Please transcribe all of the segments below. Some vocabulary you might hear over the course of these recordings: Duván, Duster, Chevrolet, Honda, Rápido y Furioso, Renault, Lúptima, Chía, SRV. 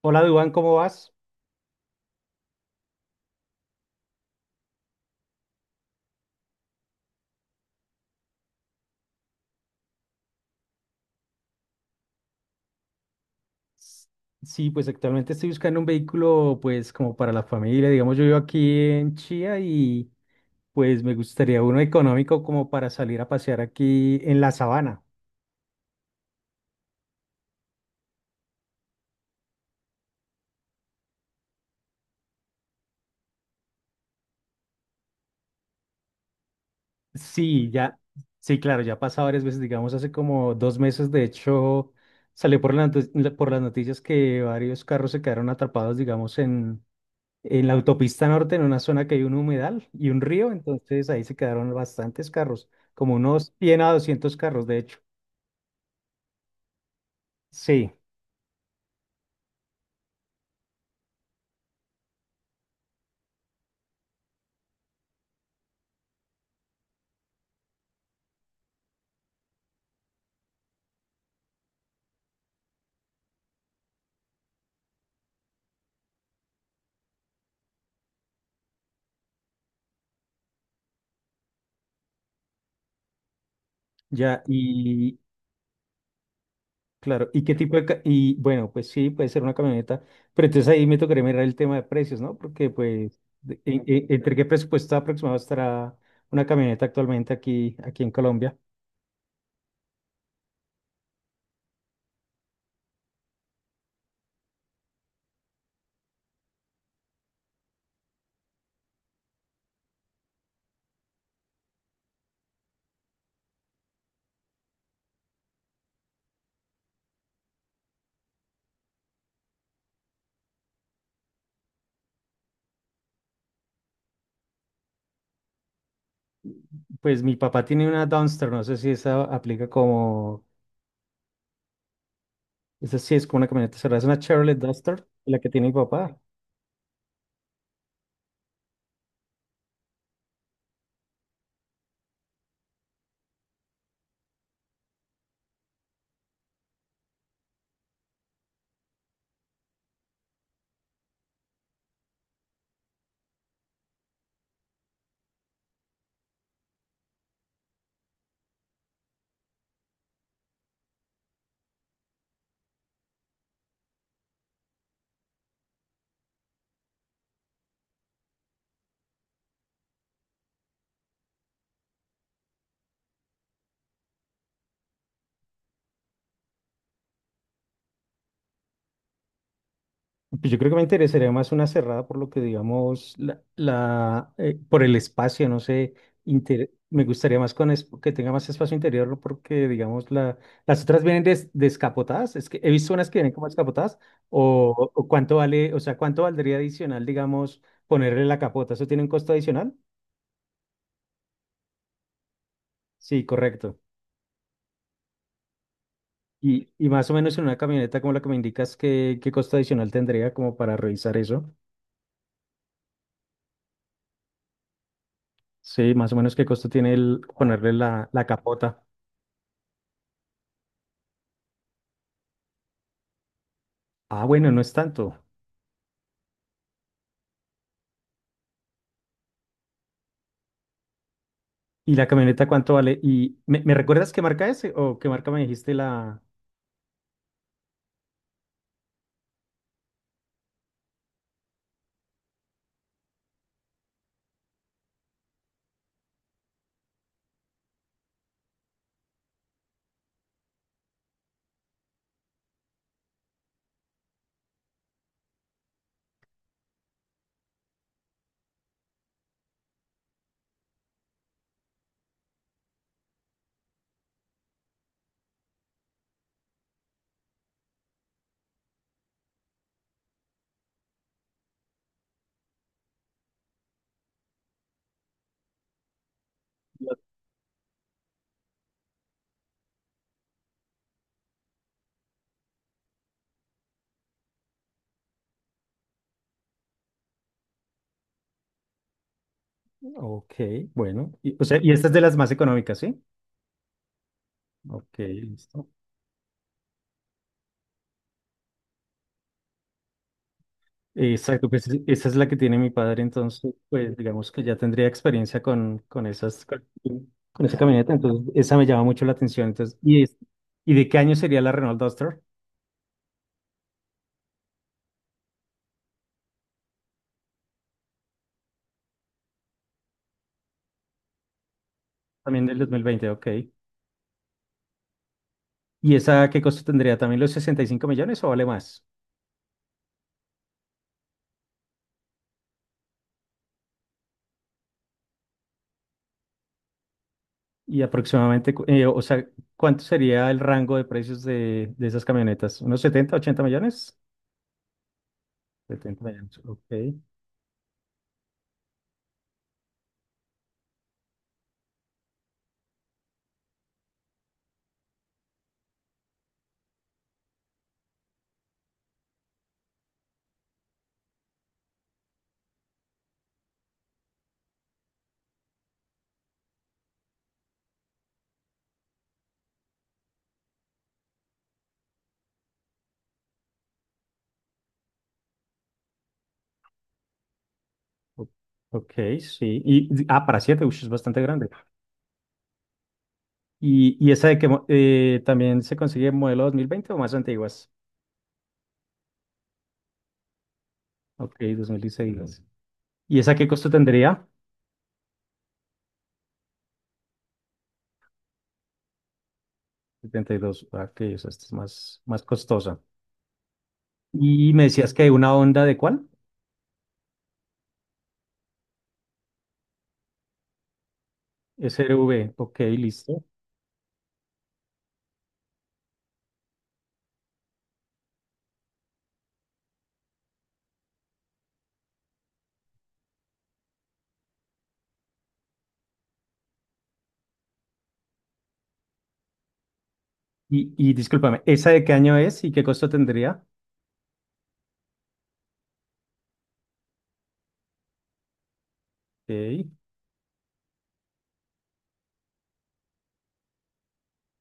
Hola, Duván, ¿cómo vas? Sí, pues actualmente estoy buscando un vehículo, pues como para la familia. Digamos, yo vivo aquí en Chía y pues me gustaría uno económico como para salir a pasear aquí en la sabana. Sí, ya, sí, claro, ya ha pasado varias veces. Digamos, hace como dos meses, de hecho, salió por por las noticias que varios carros se quedaron atrapados, digamos, en la autopista norte, en una zona que hay un humedal y un río, entonces ahí se quedaron bastantes carros, como unos 100 a 200 carros, de hecho. Sí, ya, y claro, ¿y qué tipo de...? Y bueno, pues sí, puede ser una camioneta, pero entonces ahí me tocaría mirar el tema de precios, ¿no? Porque pues, ¿entre qué presupuesto aproximado estará una camioneta actualmente aquí en Colombia? Pues mi papá tiene una Duster, no sé si esa aplica como, esa sí es como una camioneta cerrada, es una Chevrolet Duster, la que tiene mi papá. Pues yo creo que me interesaría más una cerrada por lo que digamos, por el espacio, no sé, me gustaría más con que tenga más espacio interior, ¿no? Porque digamos la, las otras vienen descapotadas, es que he visto unas que vienen como descapotadas o cuánto vale, o sea, cuánto valdría adicional, digamos, ponerle la capota, ¿eso tiene un costo adicional? Sí, correcto. Y más o menos en una camioneta como la que me indicas, ¿qué, qué costo adicional tendría como para revisar eso? Sí, más o menos qué costo tiene el ponerle la capota. Ah, bueno, no es tanto. ¿Y la camioneta cuánto vale? ¿Y me recuerdas qué marca es o qué marca me dijiste la? Ok, bueno. Y, o sea, ¿y esta es de las más económicas, sí? Ok, listo. Exacto, pues esa es la que tiene mi padre, entonces, pues digamos que ya tendría experiencia con esas, con esa camioneta, entonces esa me llama mucho la atención. Entonces, ¿y, y de qué año sería la Renault Duster? También del 2020. Ok. ¿Y esa qué costo tendría? ¿También los 65 millones o vale más? Y aproximadamente, o sea, ¿cuánto sería el rango de precios de esas camionetas? ¿Unos 70, 80 millones? 70 millones, ok. o- Ok, sí. Y, ah, para 7, es bastante grande. Y esa de que también se consigue en modelo 2020 o más antiguas? Ok, 2016. ¿Y esa qué costo tendría? 72. Ah, ok, o sea, esta es más, más costosa. ¿Y me decías que una Honda de cuál? SRV. Ok, listo. Y discúlpame, ¿esa de qué año es y qué costo tendría? Ok,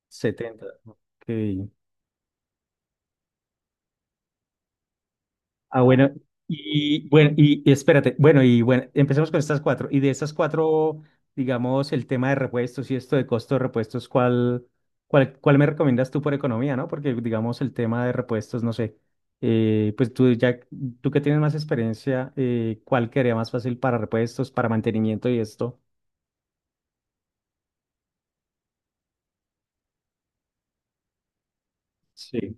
70. Ok. Ah, bueno, y bueno, y espérate, bueno, y bueno, empecemos con estas cuatro. Y de estas cuatro, digamos, el tema de repuestos y esto de costo de repuestos, ¿cuál, cuál, cuál me recomiendas tú por economía, no? Porque, digamos, el tema de repuestos, no sé, pues tú ya, tú que tienes más experiencia, ¿cuál quedaría más fácil para repuestos, para mantenimiento y esto? Sí.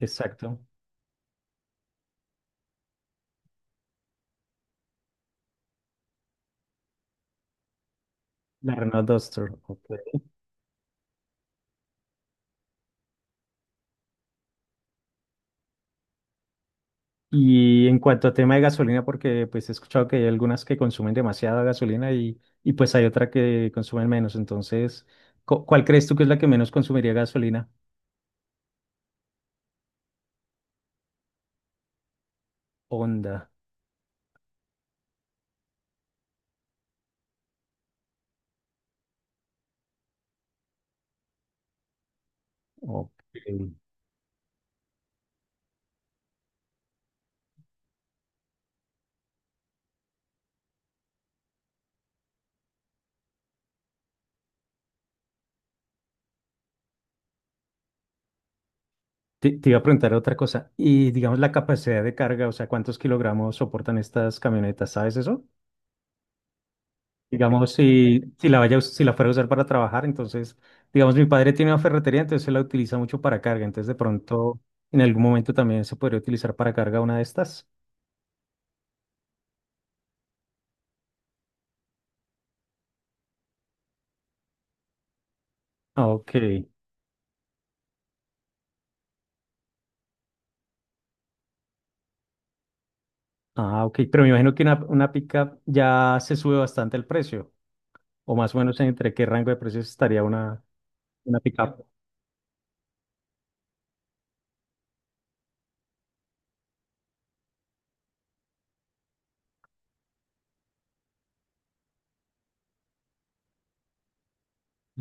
Exacto. La Renault Duster. Ok. Y en cuanto a tema de gasolina, porque pues he escuchado que hay algunas que consumen demasiada gasolina y pues hay otra que consumen menos. Entonces, ¿cuál crees tú que es la que menos consumiría gasolina? Honda. Ok. Te iba a preguntar otra cosa. Y digamos la capacidad de carga, o sea, ¿cuántos kilogramos soportan estas camionetas? ¿Sabes eso? Digamos, si, si la vaya, a us- si la fuera a usar para trabajar, entonces, digamos, mi padre tiene una ferretería, entonces él la utiliza mucho para carga. Entonces, de pronto, en algún momento también se podría utilizar para carga una de estas. Ah, ok. Ah, ok. Pero me imagino que una pickup ya se sube bastante el precio. O más o menos entre qué rango de precios estaría una pickup.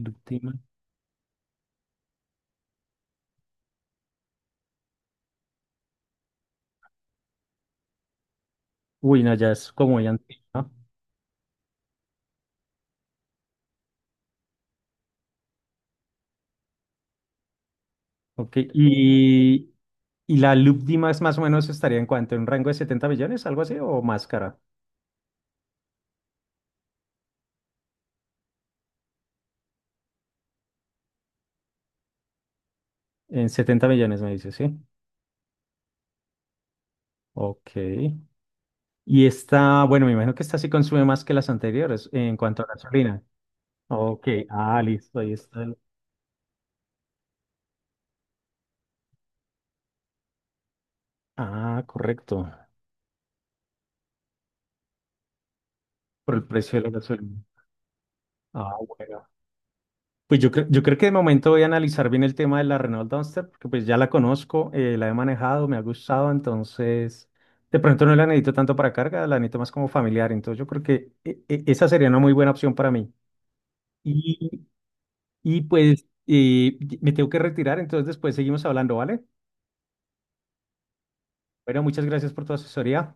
Lúptima. Uy, no, ya es como ya antigua, ¿no? Ok. Y la Lúptima es más o menos estaría en cuanto, en un rango de 70 millones, algo así, o más cara. En 70 millones me dice, sí. Ok. Y esta, bueno, me imagino que esta sí consume más que las anteriores en cuanto a gasolina. Ok. Ah, listo. Ahí está el- Ah, correcto. Por el precio de la gasolina. Ah, bueno. Pues yo, yo creo que de momento voy a analizar bien el tema de la Renault Duster, porque pues ya la conozco, la he manejado, me ha gustado, entonces de pronto no la necesito tanto para carga, la necesito más como familiar, entonces yo creo que esa sería una muy buena opción para mí. Y, y pues me tengo que retirar, entonces después seguimos hablando, ¿vale? Bueno, muchas gracias por tu asesoría.